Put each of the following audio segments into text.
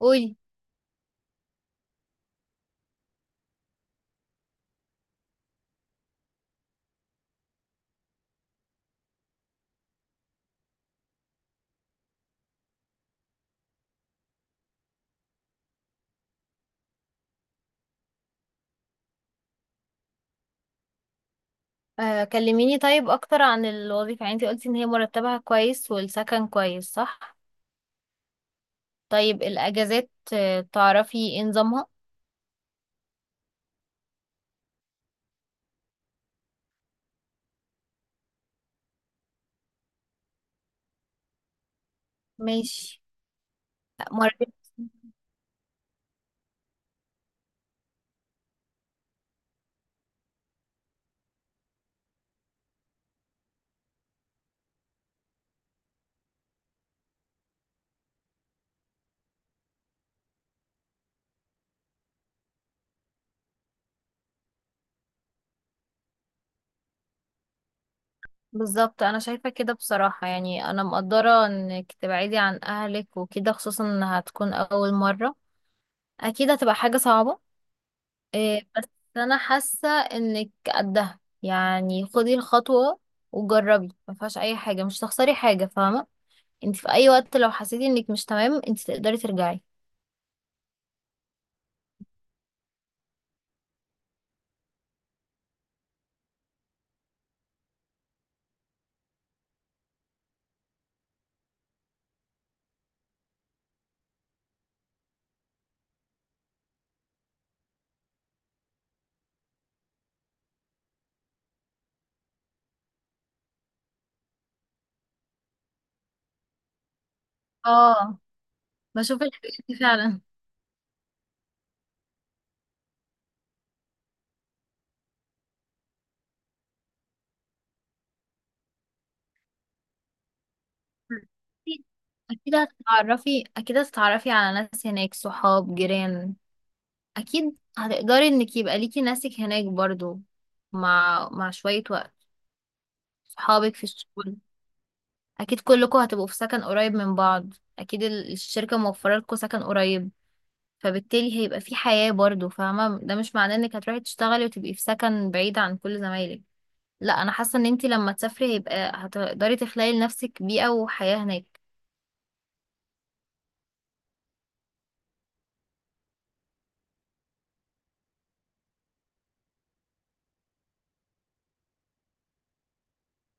قولي. آه، كلميني طيب اكتر عن الوظيفة. يعني انتي قلتي ان هي مرتبها كويس والسكن كويس، صح؟ طيب الاجازات تعرفي ايه نظامها؟ ماشي. مرتب. بالظبط، انا شايفة كده بصراحة. يعني انا مقدرة انك تبعدي عن اهلك وكده، خصوصا انها هتكون اول مرة. اكيد هتبقى حاجة صعبة. آه، بس انا حاسة انك قدها. يعني خدي الخطوة وجربي، ما فيهاش اي حاجة، مش هتخسري حاجة، فاهمة؟ انت في اي وقت لو حسيتي انك مش تمام انت تقدري ترجعي. اه، بشوف الحاجات دي فعلا. اكيد. أكيد هتتعرفي، اكيد هتتعرفي على ناس هناك، صحاب، جيران. اكيد هتقدري انك يبقى ليكي ناسك هناك برضو، مع شوية وقت. صحابك في الشغل، اكيد كلكم هتبقوا في سكن قريب من بعض. اكيد الشركة موفرة لكم سكن قريب، فبالتالي هيبقى في حياة برضو، فاهمة؟ ده مش معناه انك هتروحي تشتغلي وتبقي في سكن بعيد عن كل زمايلك، لا. انا حاسه ان انتي لما تسافري هيبقى، هتقدري تخلقي لنفسك بيئه وحياه هناك.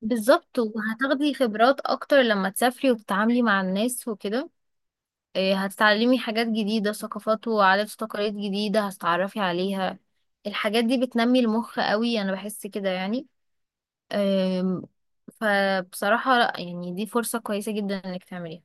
بالظبط، وهتاخدي خبرات اكتر لما تسافري وتتعاملي مع الناس وكده. إيه، هتتعلمي حاجات جديده، ثقافات وعادات وتقاليد جديده هتتعرفي عليها. الحاجات دي بتنمي المخ قوي، انا بحس كده يعني. أم، فبصراحه لا، يعني دي فرصه كويسه جدا انك تعمليها.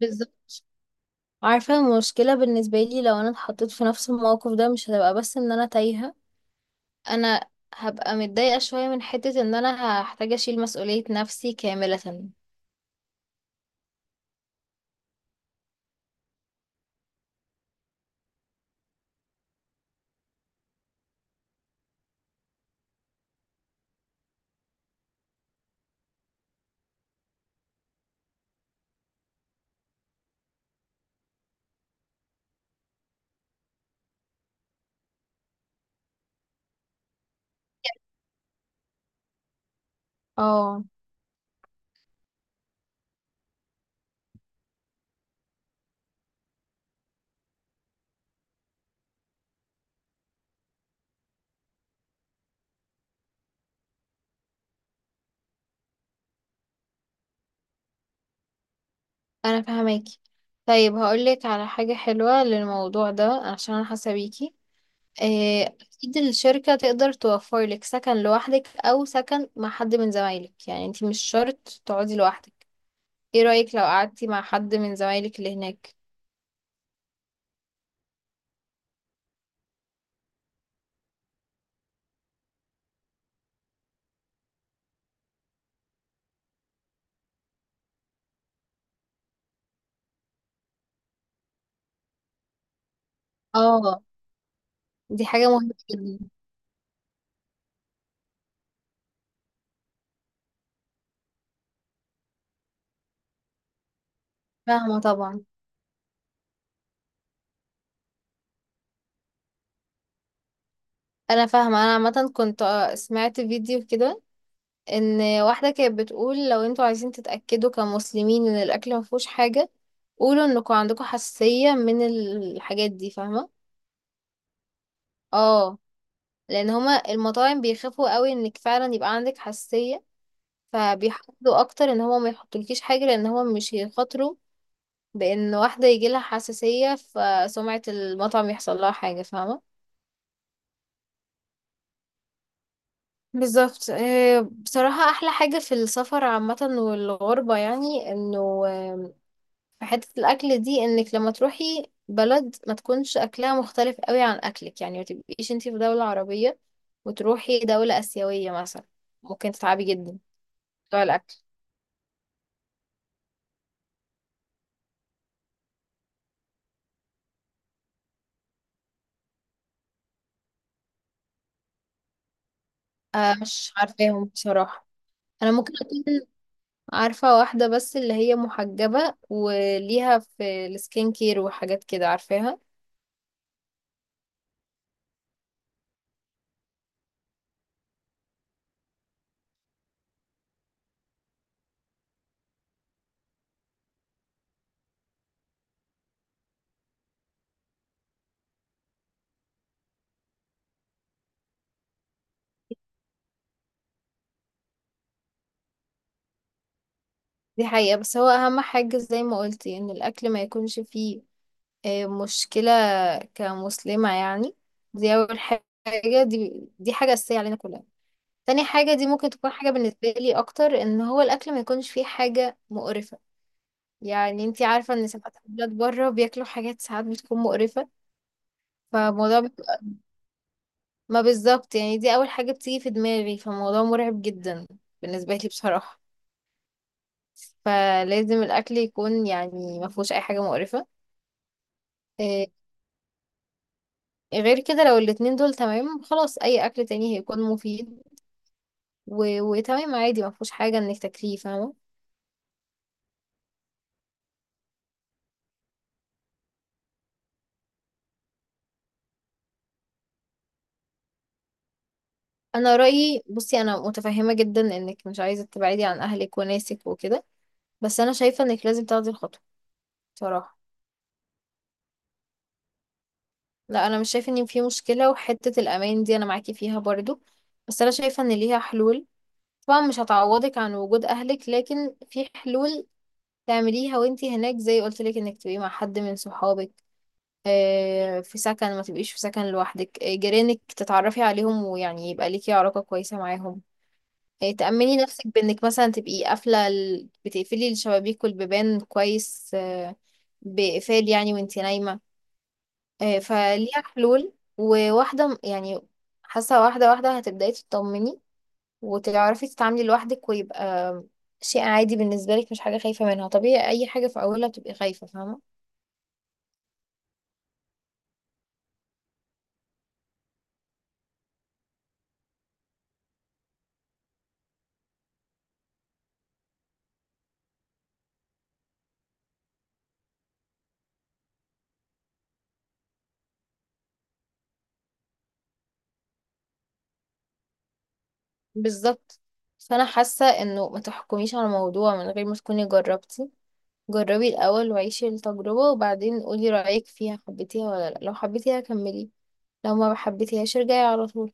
بالظبط. عارفة المشكلة بالنسبة لي لو أنا اتحطيت في نفس الموقف ده؟ مش هتبقى بس إن أنا تايهة، انا هبقى متضايقة شوية من حتة ان انا هحتاج اشيل مسؤولية نفسي كاملة. اه. انا فهماكي. طيب هقولك على حاجة حلوة للموضوع ده عشان انا حاسة بيكي. إيه، اكيد الشركة تقدر توفر لك سكن لوحدك او سكن مع حد من زمايلك، يعني انتي مش شرط تقعدي لوحدك. ايه رأيك لو قعدتي مع حد من زمايلك اللي هناك؟ اه، دي حاجة مهمة جدا. فاهمة طبعا. انا فاهمة. انا عامة كنت سمعت فيديو كده، ان واحدة كانت بتقول لو انتوا عايزين تتأكدوا كمسلمين ان الاكل مفهوش حاجة، قولوا انكم عندكم حساسية من الحاجات دي، فاهمة؟ اه، لان هما المطاعم بيخافوا قوي انك فعلا يبقى عندك حساسية، فبيحاولوا اكتر ان هما ما يحطولكيش حاجة، لان هما مش هيخاطروا بان واحدة يجيلها حساسية فسمعة المطعم يحصل لها حاجة، فاهمة؟ بالظبط. آه، بصراحة أحلى حاجة في السفر عامة والغربة يعني إنه، فحتة الأكل دي إنك لما تروحي بلد ما تكونش أكلها مختلف قوي عن أكلك. يعني ما تبقيش انتي في دولة عربية وتروحي دولة آسيوية مثلا، ممكن تتعبي جدا بتوع الأكل. آه، مش عارفاهم بصراحة. أنا ممكن أكون عارفة واحدة بس، اللي هي محجبة وليها في السكين كير وحاجات كده، عارفاها. دي حقيقة، بس هو أهم حاجة زي ما قلتي إن الأكل ما يكونش فيه مشكلة كمسلمة يعني. دي أول حاجة. دي دي حاجة أساسية علينا كلنا. تاني حاجة دي ممكن تكون حاجة بالنسبة لي أكتر، إن هو الأكل ما يكونش فيه حاجة مقرفة. يعني انتي عارفة إن ساعات البلاد بره بياكلوا حاجات ساعات بتكون مقرفة. فالموضوع بي- ما بالظبط، يعني دي أول حاجة بتيجي في دماغي، فالموضوع مرعب جدا بالنسبة لي بصراحة. فلازم الأكل يكون يعني ما فيهوش أي حاجة مقرفة. آه، غير كده لو الاتنين دول تمام خلاص، أي أكل تاني هيكون مفيد وتمام عادي، ما فيهوش حاجة انك تاكليه، فاهمة؟ انا رأيي بصي، انا متفهمة جدا انك مش عايزة تبعدي عن اهلك وناسك وكده، بس انا شايفة انك لازم تاخدي الخطوة بصراحة. لا، انا مش شايفة ان في مشكلة. وحتة الامان دي انا معاكي فيها برضو، بس انا شايفة ان ليها حلول. طبعا مش هتعوضك عن وجود اهلك، لكن في حلول تعمليها وانتي هناك، زي قلت لك انك تبقي مع حد من صحابك آه، في سكن، ما تبقيش في سكن لوحدك. آه، جيرانك تتعرفي عليهم ويعني يبقى ليكي علاقة كويسة معاهم. يعني تأمني نفسك بإنك مثلا تبقي قافلة بتقفلي الشبابيك والبيبان كويس، آه، بإقفال يعني وانتي نايمة. آه، فليها حلول، يعني حاسة واحدة واحدة هتبدأي تطمني وتعرفي تتعاملي لوحدك، ويبقى شيء عادي بالنسبة لك، مش حاجة خايفة منها. طبيعي أي حاجة في أولها بتبقي خايفة، فاهمة؟ بالظبط فأنا حاسة إنه ما تحكميش على الموضوع من غير ما تكوني جربتي. جربي الأول وعيشي التجربة وبعدين قولي رأيك فيها، حبيتيها ولا لأ. لو حبيتيها كملي، لو ما حبيتيهاش ارجعي على طول.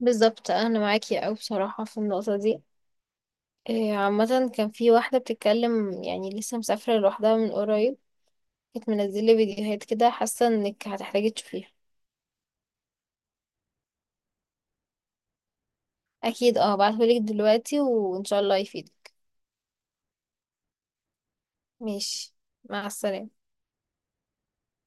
بالظبط، أنا معاكي أوي بصراحة في النقطة دي. إيه، عامة كان في واحدة بتتكلم، يعني لسه مسافرة لوحدها من قريب، كانت منزلة فيديوهات كده، حاسة انك هتحتاجي تشوفيها. أكيد، اه هبعتهولك دلوقتي وإن شاء الله يفيدك. ماشي. مع السلامة.